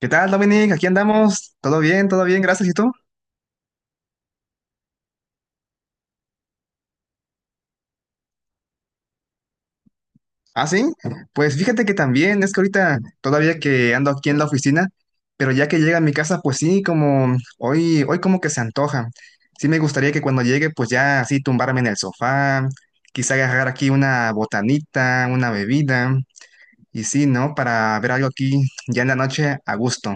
¿Qué tal, Dominic? Aquí andamos. ¿Todo bien? ¿Todo bien? Gracias. ¿Y tú? ¿Ah, sí? Pues fíjate que también, es que ahorita todavía que ando aquí en la oficina, pero ya que llega a mi casa, pues sí, como hoy, hoy como que se antoja. Sí me gustaría que cuando llegue, pues ya así tumbarme en el sofá, quizá agarrar aquí una botanita, una bebida, y sí, ¿no? Para ver algo aquí ya en la noche a gusto.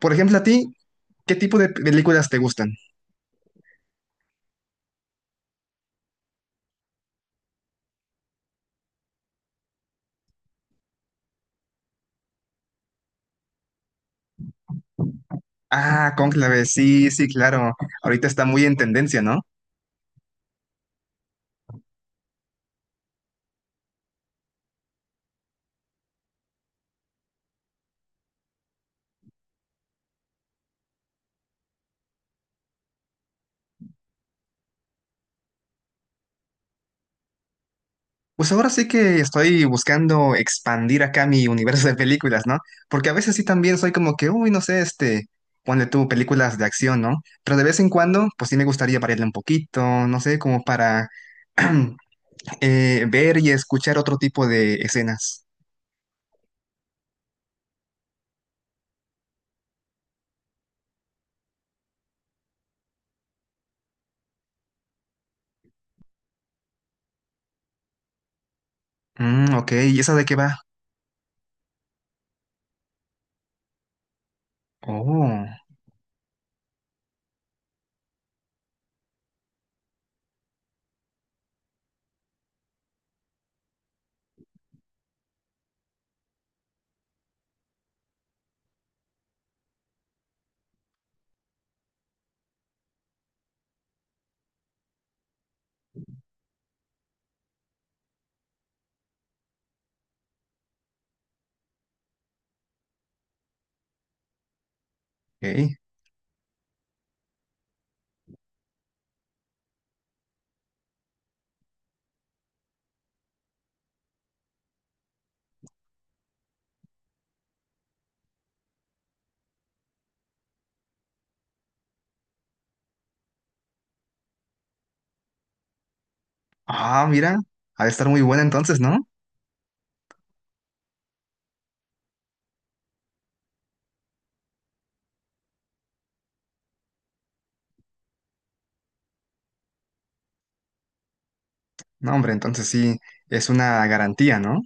Por ejemplo, a ti, ¿qué tipo de películas te gustan? Ah, Cónclave, sí, sí, claro. Ahorita está muy en tendencia, ¿no? Pues ahora sí que estoy buscando expandir acá mi universo de películas, ¿no? Porque a veces sí también soy como que, uy, no sé, este, ponle tú películas de acción, ¿no? Pero de vez en cuando, pues sí me gustaría variarle un poquito, no sé, como para ver y escuchar otro tipo de escenas. Mm, ok, ¿y esa de qué va? Oh, ok. Ah, mira, ha de estar muy buena entonces, ¿no? No, hombre, entonces sí, es una garantía, ¿no?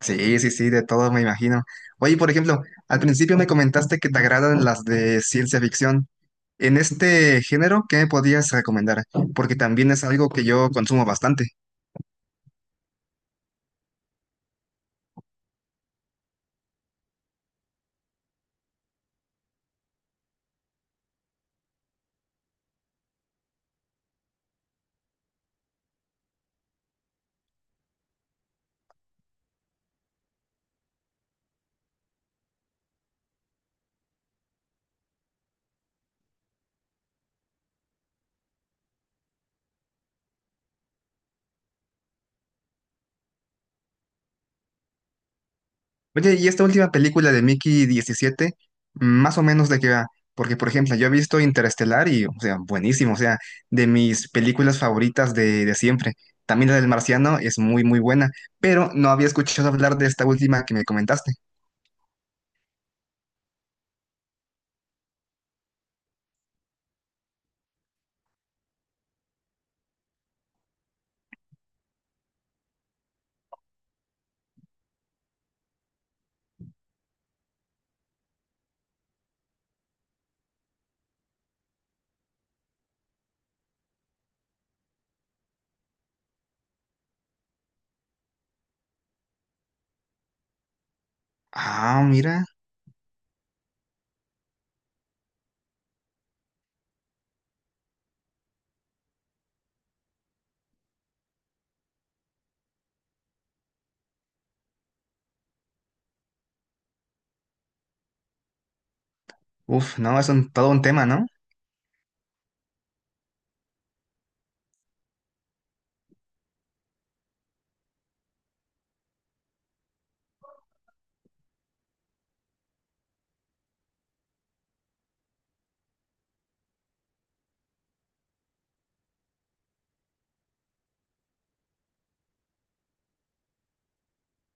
Sí, sí, sí, de todo me imagino. Oye, por ejemplo, al principio me comentaste que te agradan las de ciencia ficción. En este género, ¿qué me podías recomendar? Porque también es algo que yo consumo bastante. Oye, y esta última película de Mickey 17 más o menos de qué va. Porque, por ejemplo, yo he visto Interestelar y, o sea, buenísimo, o sea, de mis películas favoritas de siempre. También la del Marciano es muy, muy buena, pero no había escuchado hablar de esta última que me comentaste. Ah, mira. Uf, no, es un, todo un tema, ¿no?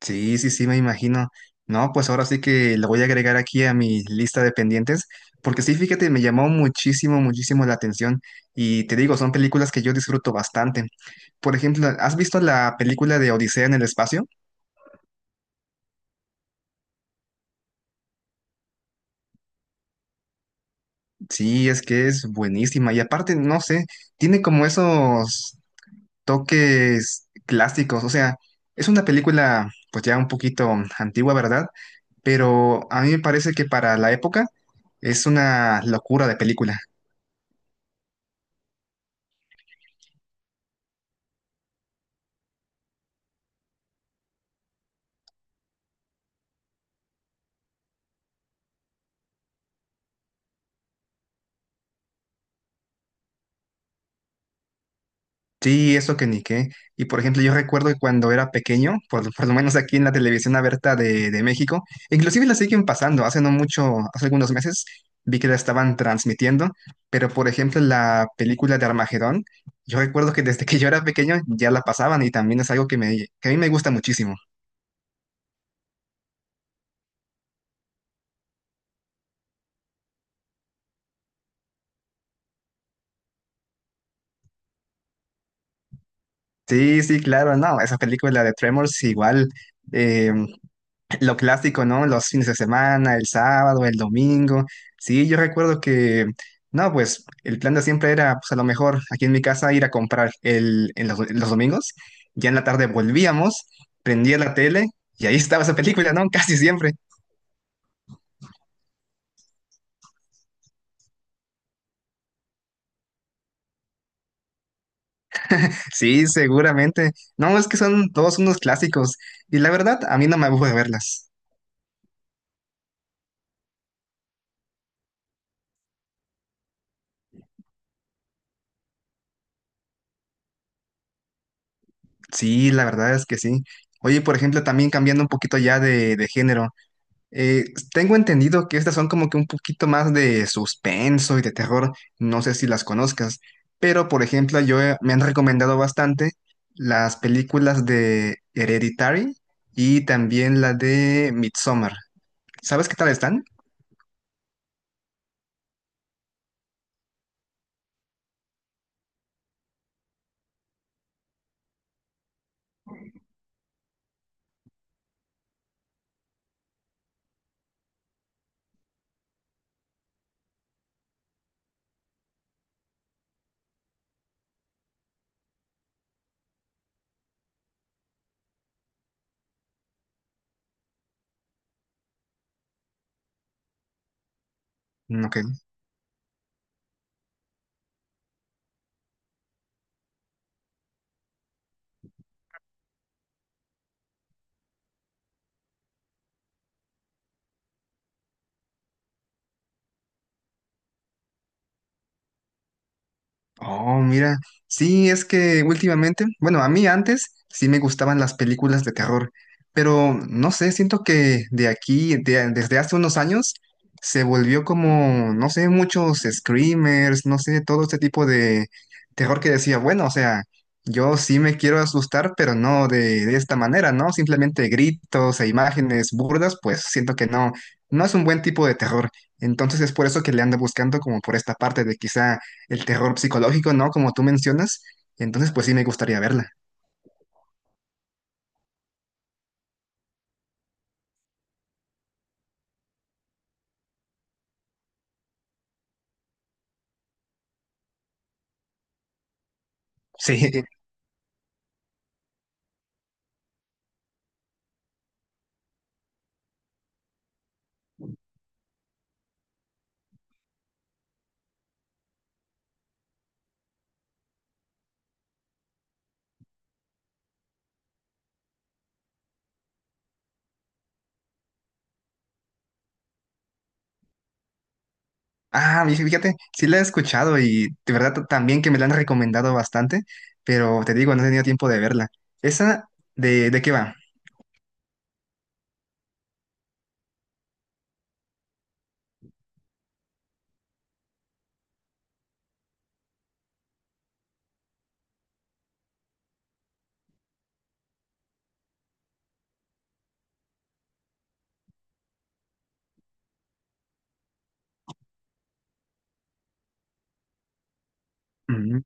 Sí, sí, sí, me imagino. No, pues ahora sí que lo voy a agregar aquí a mi lista de pendientes, porque sí, fíjate, me llamó muchísimo, muchísimo la atención y te digo, son películas que yo disfruto bastante. Por ejemplo, ¿has visto la película de Odisea en el espacio? Sí, es que es buenísima y aparte, no sé, tiene como esos toques clásicos, o sea, es una película pues ya un poquito antigua, ¿verdad? Pero a mí me parece que para la época es una locura de película. Sí, eso que ni qué. Y por ejemplo, yo recuerdo que cuando era pequeño, por, lo por lo menos aquí en la televisión abierta de México, inclusive la siguen pasando, hace no mucho, hace algunos meses vi que la estaban transmitiendo, pero por ejemplo la película de Armagedón, yo recuerdo que desde que yo era pequeño ya la pasaban y también es algo que, me, que a mí me gusta muchísimo. Sí, sí, claro, no, esa película de Tremors igual. eh, Lo clásico, ¿no? Los fines de semana, el sábado, el domingo. Sí, yo recuerdo que, no, pues el plan de siempre era, pues a lo mejor aquí en mi casa ir a comprar el, en los domingos. Ya en la tarde volvíamos, prendía la tele y ahí estaba esa película, ¿no? Casi siempre. Sí, seguramente. No, es que son todos unos clásicos y la verdad, a mí no me aburre verlas. Sí, la verdad es que sí. Oye, por ejemplo, también cambiando un poquito ya de género. Eh, tengo entendido que estas son como que un poquito más de suspenso y de terror, no sé si las conozcas, pero por ejemplo me han recomendado bastante las películas de Hereditary y también la de Midsommar. ¿Sabes qué tal están? Mm, ok. Oh, mira, sí, es que últimamente, bueno, a mí antes sí me gustaban las películas de terror, pero no sé, siento que de aquí, desde hace unos años, se volvió como, no sé, muchos screamers, no sé, todo este tipo de terror que decía, bueno, o sea, yo sí me quiero asustar, pero no de, de esta manera, ¿no? Simplemente gritos e imágenes burdas, pues siento que no, no es un buen tipo de terror. Entonces es por eso que le ando buscando como por esta parte de quizá el terror psicológico, ¿no? Como tú mencionas. Entonces, pues sí me gustaría verla. Sí. Ah, y fíjate, sí la he escuchado y de verdad también que me la han recomendado bastante, pero te digo, no he tenido tiempo de verla. ¿Esa de qué va? Mm,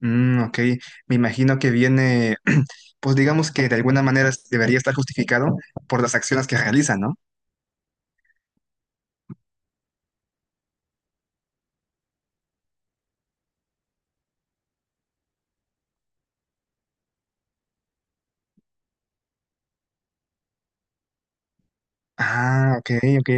mm, ok, me imagino que viene, pues digamos que de alguna manera debería estar justificado por las acciones que realiza, ¿no? Ah, ok, ok.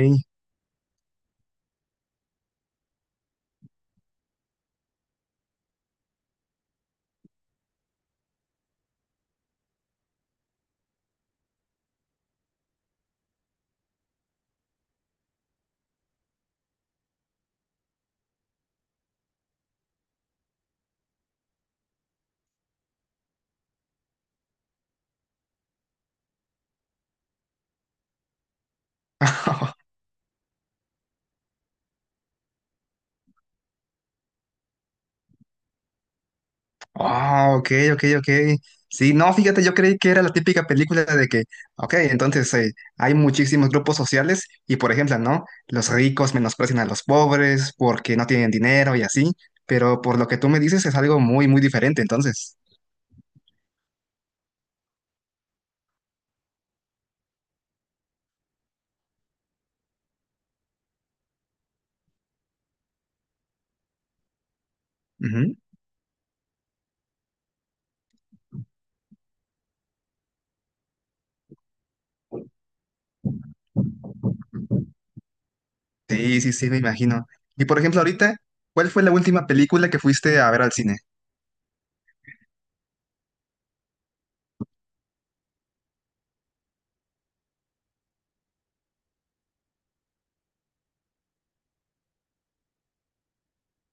Ah, ok, ok, ok. Sí, no, fíjate, yo creí que era la típica película de que, ok, entonces hay muchísimos grupos sociales y, por ejemplo, ¿no? Los ricos menosprecian a los pobres porque no tienen dinero y así, pero por lo que tú me dices es algo muy, muy diferente, entonces. Ujú. Sí, sí, sí, me imagino. Y, por ejemplo, ahorita, ¿cuál fue la última película que fuiste a ver al cine?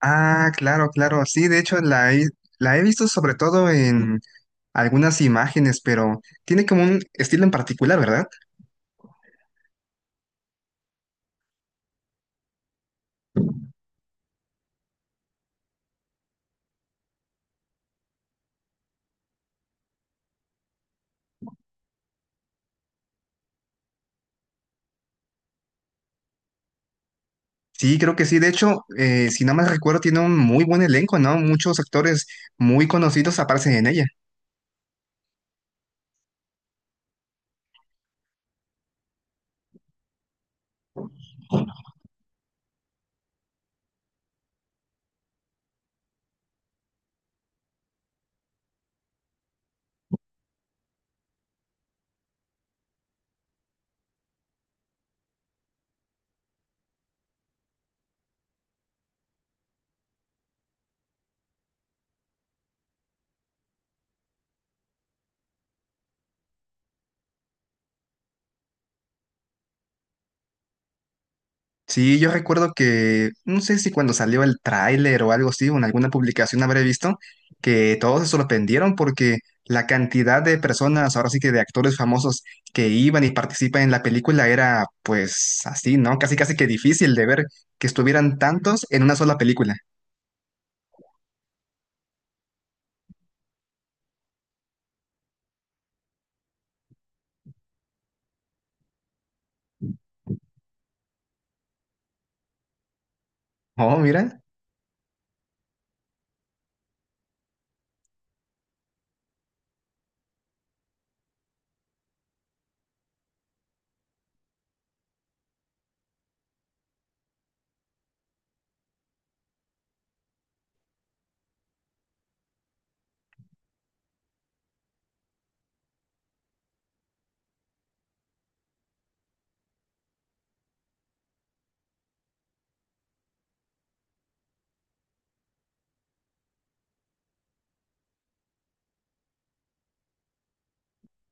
Ah, claro, claro, sí, de hecho la he visto sobre todo algunas imágenes, pero tiene como un estilo en particular, ¿verdad? Sí, creo que sí. De hecho, si no mal recuerdo, tiene un muy buen elenco, ¿no? Muchos actores muy conocidos aparecen en ella. Sí, yo recuerdo que, no sé si cuando salió el tráiler o algo así, o en alguna publicación habré visto, que todos se sorprendieron porque la cantidad de personas, ahora sí que de actores famosos que iban y participan en la película era pues así, ¿no? Casi casi que difícil de ver que estuvieran tantos en una sola película. Oh, mira.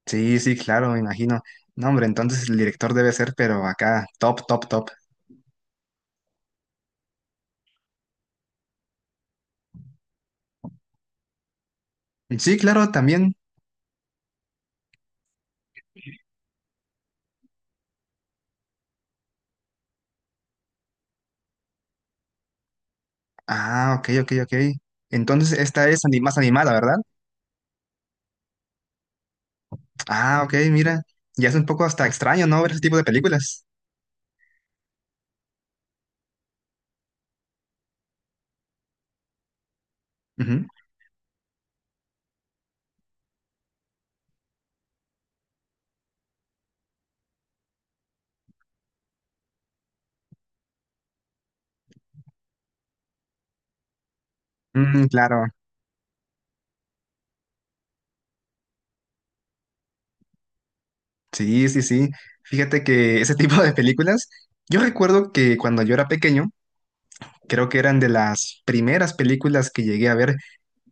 Sí, sí, claro, me imagino. No, hombre, entonces el director debe ser, pero acá, top, top, top. Sí, claro, también. Ah, ok, ok, ok. Entonces esta es más animada, ¿verdad? Ah, ok, mira. Ya es un poco hasta extraño, ¿no? Ver ese tipo de películas. Ujú. Mm, claro. Sí, sí, sí. Fíjate que ese tipo de películas, yo recuerdo que cuando yo era pequeño, creo que eran de las primeras películas que llegué a ver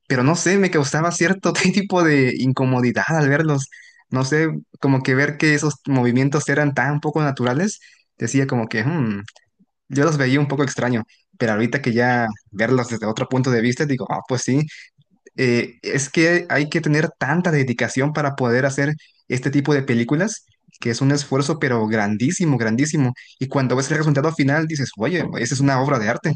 pero no sé, me causaba cierto tipo de incomodidad al verlos. No sé, como que ver que esos movimientos eran tan poco naturales, decía como que, "Hmm", yo los veía un poco extraño, pero ahorita que ya verlos desde otro punto de vista, digo, ah, pues sí, es que hay que tener tanta dedicación para poder hacer este tipo de películas, que es un esfuerzo, pero grandísimo, grandísimo. Y cuando ves el resultado final, dices, oye, esa es una obra de arte.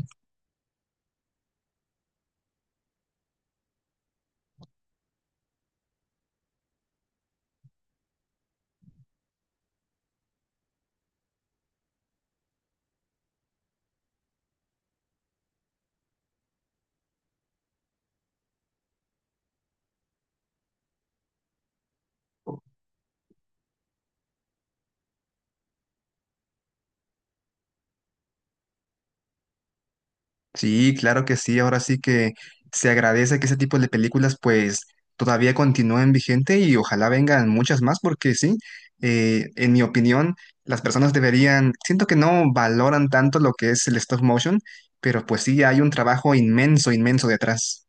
Sí, claro que sí. Ahora sí que se agradece que ese tipo de películas pues todavía continúen vigente y ojalá vengan muchas más porque sí, en mi opinión, las personas deberían, siento que no valoran tanto lo que es el stop motion, pero pues sí, hay un trabajo inmenso, inmenso detrás.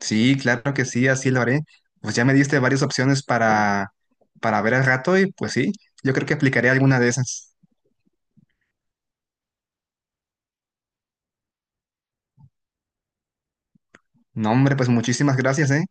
Sí, claro que sí, así lo haré. Pues ya me diste varias opciones para ver al rato y pues sí, yo creo que aplicaré alguna de esas. No, hombre, pues muchísimas gracias, ¿eh?